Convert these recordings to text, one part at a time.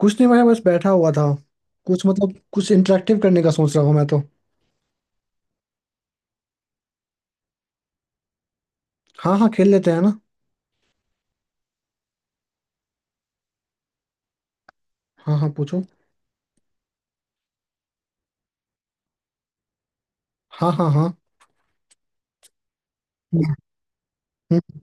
कुछ नहीं भाई बस बैठा हुआ था। कुछ मतलब कुछ इंटरेक्टिव करने का सोच रहा हूँ मैं तो। हाँ हाँ खेल लेते हैं ना। हाँ हाँ पूछो। हाँ हाँ हाँ। हम्म।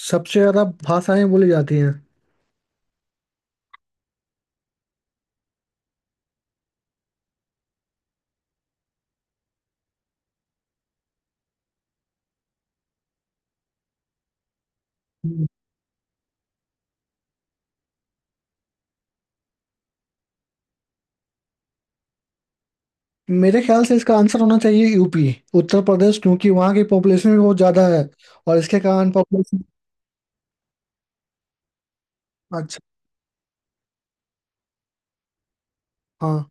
सबसे ज्यादा भाषाएं बोली जाती हैं। हम्म। मेरे ख्याल से इसका आंसर होना चाहिए यूपी। उत्तर प्रदेश क्योंकि वहाँ की पॉपुलेशन भी बहुत ज्यादा है। और इसके कारण पॉपुलेशन। अच्छा। हाँ।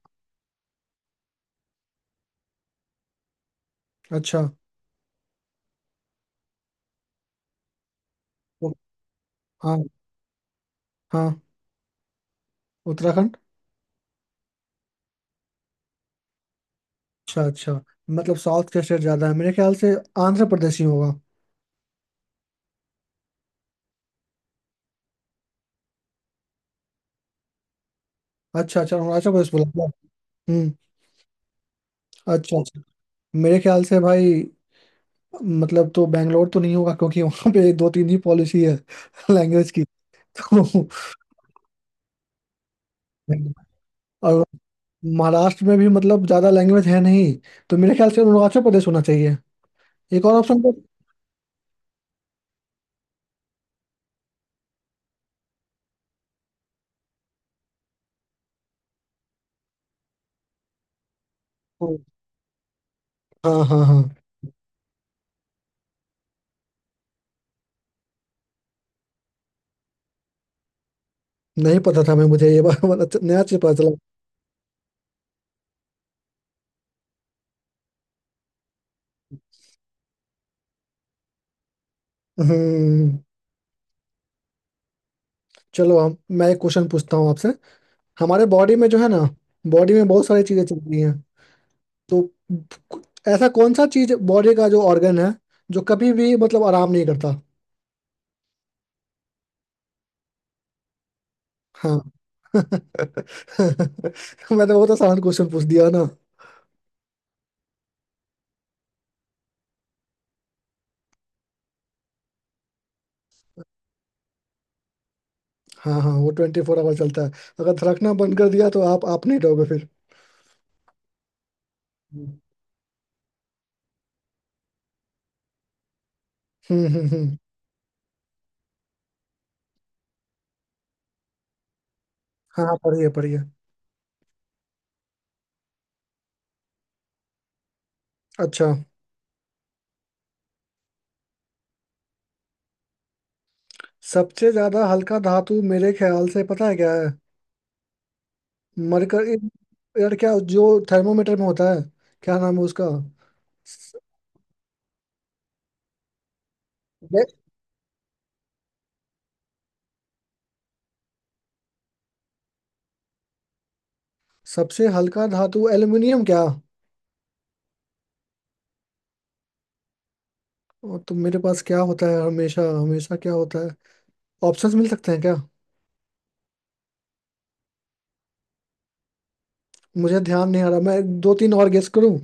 अच्छा। ओ। हाँ। हाँ उत्तराखंड। अच्छा अच्छा। मतलब साउथ के स्टेट ज्यादा है मेरे ख्याल से। आंध्र प्रदेश ही होगा। अच्छा अच्छा अरुणाचल प्रदेश बोला क्या? हम्म। अच्छा अच्छा। मेरे ख्याल से भाई। मतलब तो बैंगलोर तो नहीं होगा क्योंकि वहां पे दो तीन ही पॉलिसी है लैंग्वेज की। तो। और। महाराष्ट्र में भी मतलब ज्यादा लैंग्वेज है नहीं। तो मेरे ख्याल से अरुणाचल प्रदेश होना चाहिए। एक और ऑप्शन तो। हाँ हाँ हाँ। नहीं पता था मैं मुझे ये बात अच्छा- नया चीज पता चला। हम्म। चलो हम मैं एक क्वेश्चन पूछता हूँ आपसे। हमारे बॉडी में जो है ना। बॉडी में बहुत सारी चीजें चल रही हैं। तो। ऐसा कौन सा चीज बॉडी का जो ऑर्गन है। जो कभी भी मतलब आराम नहीं करता। हाँ। मैंने बहुत आसान क्वेश्चन पूछ दिया ना। हाँ हाँ वो 24 आवर चलता है। अगर धड़कना बंद कर दिया तो आप नहीं रहोगे फिर। हम्म हम्म हम्म। हाँ हाँ, पढ़िए पढ़िए। अच्छा। सबसे ज्यादा हल्का धातु मेरे ख्याल से पता है क्या है। मरकर। यार क्या जो थर्मोमीटर में होता है क्या नाम है उसका। स-। ये सबसे हल्का धातु एल्युमिनियम क्या। ओ, तो मेरे पास क्या होता है हमेशा हमेशा क्या होता है। ऑप्शंस मिल सकते हैं क्या। मुझे ध्यान नहीं आ रहा मैं दो तीन और गेस करूं।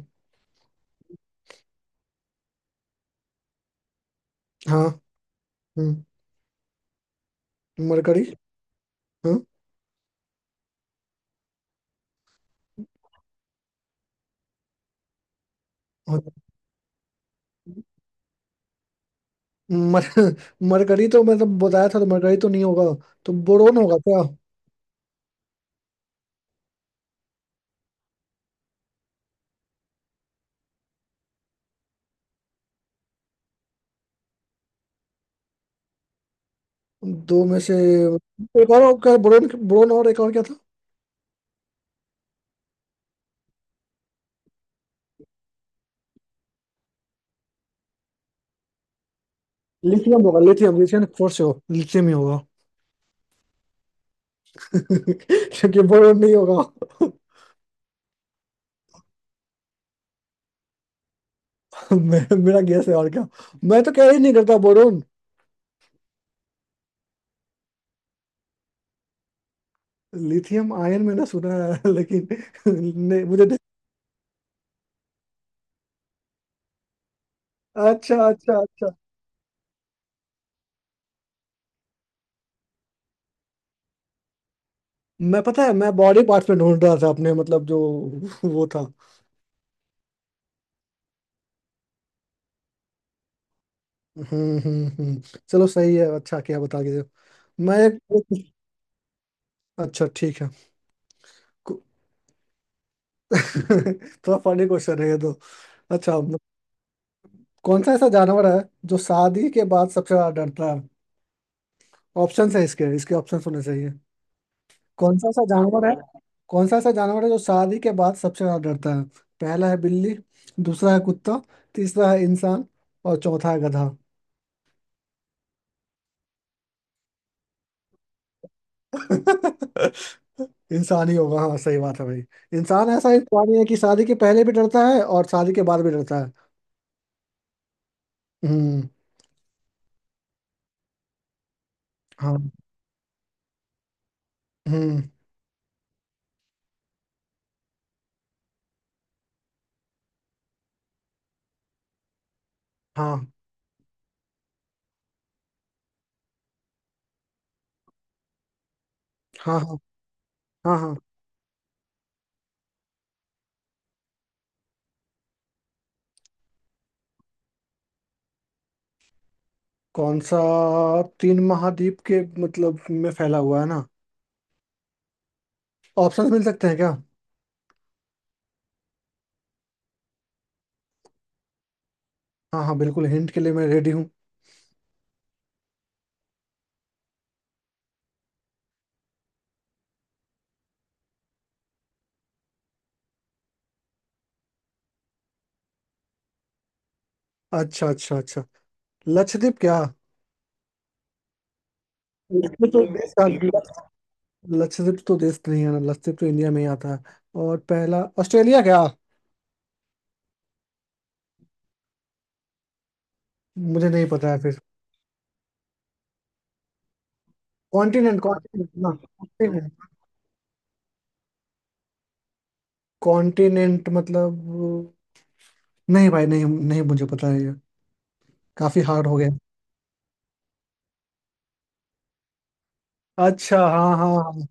हाँ। हम्म। मरकरी। हाँ। और-। मर मरकरी तो मतलब बताया था तो मरकरी तो नहीं होगा। तो बोरोन होगा क्या। दो में से। एक और क्या बोरोन बोरोन और एक और क्या था। लिथियम होगा लिथियम लिथियम फोर से हो लिथियम ही होगा। क्योंकि बोरोन नहीं होगा मेरा गैस है और क्या। मैं तो कैरी नहीं करता बोरोन। लिथियम आयन मैंने सुना है लेकिन। नहीं, मुझे नहीं-। अच्छा अच्छा अच्छा। मैं पता है मैं बॉडी पार्ट्स में ढूंढ रहा था अपने मतलब जो। वो था। हम्म। चलो सही है अच्छा क्या बता के दो। मैं एक। अच्छा ठीक है। कु-। थोड़ा फनी क्वेश्चन है ये तो। अच्छा म-। कौन सा ऐसा जानवर है। जो शादी के बाद सबसे ज्यादा डरता है। ऑप्शन है इसके इसके ऑप्शन होने चाहिए। कौन सा ऐसा जानवर है। कौन सा ऐसा जानवर है जो शादी के बाद सबसे ज्यादा डरता है। पहला है बिल्ली। दूसरा है कुत्ता। तीसरा है इंसान। और चौथा है गधा। इंसान ही होगा, हाँ सही बात है भाई। इंसान ऐसा इंसान है कि शादी के पहले भी डरता है और शादी के बाद भी डरता है। हम्म। हाँ। हम्म। हाँ हाँ हाँ हाँ हाँ। कौन सा। तीन महाद्वीप के मतलब में फैला हुआ है ना। ऑप्शंस मिल सकते हैं क्या। हाँ हाँ बिल्कुल हिंट के लिए मैं रेडी हूँ। अच्छा अच्छा अच्छा। लक्षद्वीप क्या। लक्षद्वीप तो देश का। लक्षद्वीप तो देश नहीं है ना, लक्षद्वीप तो इंडिया में ही आता है। और पहला ऑस्ट्रेलिया क्या। मुझे नहीं पता है फिर। कॉन्टिनेंट कॉन्टिनेंट ना। कॉन्टिनेंट। कॉन्टिनेंट मतलब। नहीं भाई नहीं नहीं मुझे पता है ये। काफी हार्ड हो गया। अच्छा हाँ हाँ हाँ।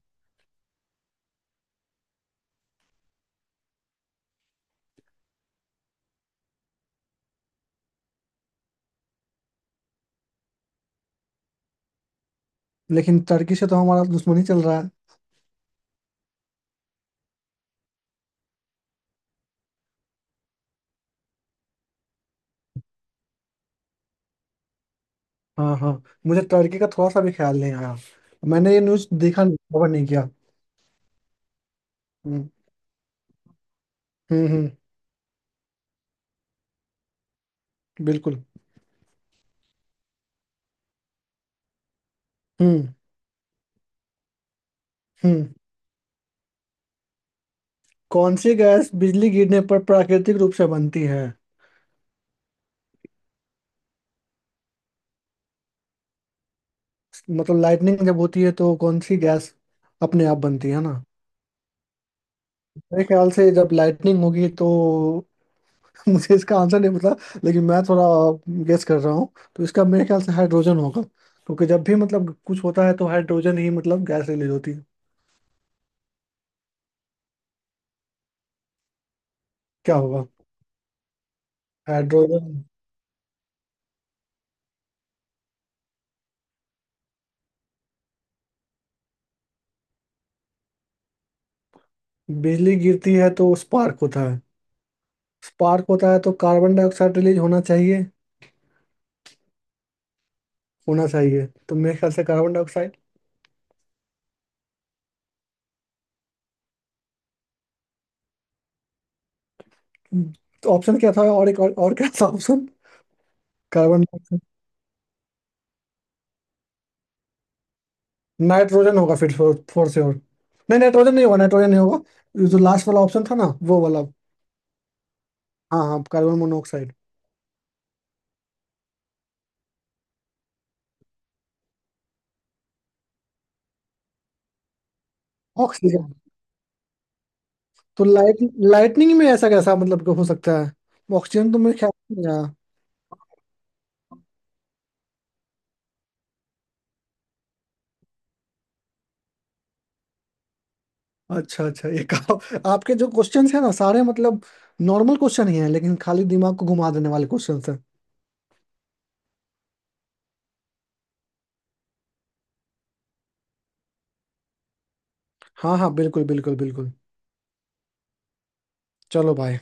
लेकिन टर्की से तो हमारा दुश्मनी चल रहा है। हाँ हाँ। मुझे टर्की का थोड़ा सा भी ख्याल नहीं आया। मैंने ये न्यूज़ देखा नहीं, कवर नहीं किया। हम्म हम्म। बिल्कुल। हम्म हम्म। कौन सी गैस बिजली गिरने पर प्राकृतिक रूप से बनती है। मतलब लाइटनिंग जब होती है तो कौन सी गैस अपने आप बनती है ना। मेरे ख्याल से जब लाइटनिंग होगी तो। मुझे इसका आंसर नहीं पता लेकिन मैं थोड़ा गेस कर रहा हूँ। तो इसका मेरे ख्याल से हाइड्रोजन होगा क्योंकि जब भी मतलब कुछ होता है तो हाइड्रोजन ही मतलब गैस रिलीज होती है। क्या होगा। हाइड्रोजन। बिजली गिरती है तो स्पार्क होता है। स्पार्क होता है तो कार्बन डाइऑक्साइड रिलीज होना चाहिए। होना चाहिए तो मेरे ख्याल से कार्बन डाइऑक्साइड। तो ऑप्शन क्या था, और एक और क्या था ऑप्शन। Carbon dioxide. नाइट्रोजन होगा फिर फोर से और। नहीं नाइट्रोजन नहीं होगा नाइट्रोजन नहीं होगा। ये जो लास्ट वाला ऑप्शन था ना वो वाला। हाँ हाँ कार्बन मोनोऑक्साइड। ऑक्सीजन। तो लाइट। लाइटनिंग में ऐसा कैसा मतलब कि हो सकता है ऑक्सीजन तो मेरे ख्याल में नहीं आया। अच्छा अच्छा ये आपके जो क्वेश्चंस हैं ना सारे मतलब नॉर्मल क्वेश्चन ही हैं लेकिन खाली दिमाग को घुमा देने वाले क्वेश्चंस हैं। हाँ हाँ बिल्कुल बिल्कुल बिल्कुल। चलो भाई।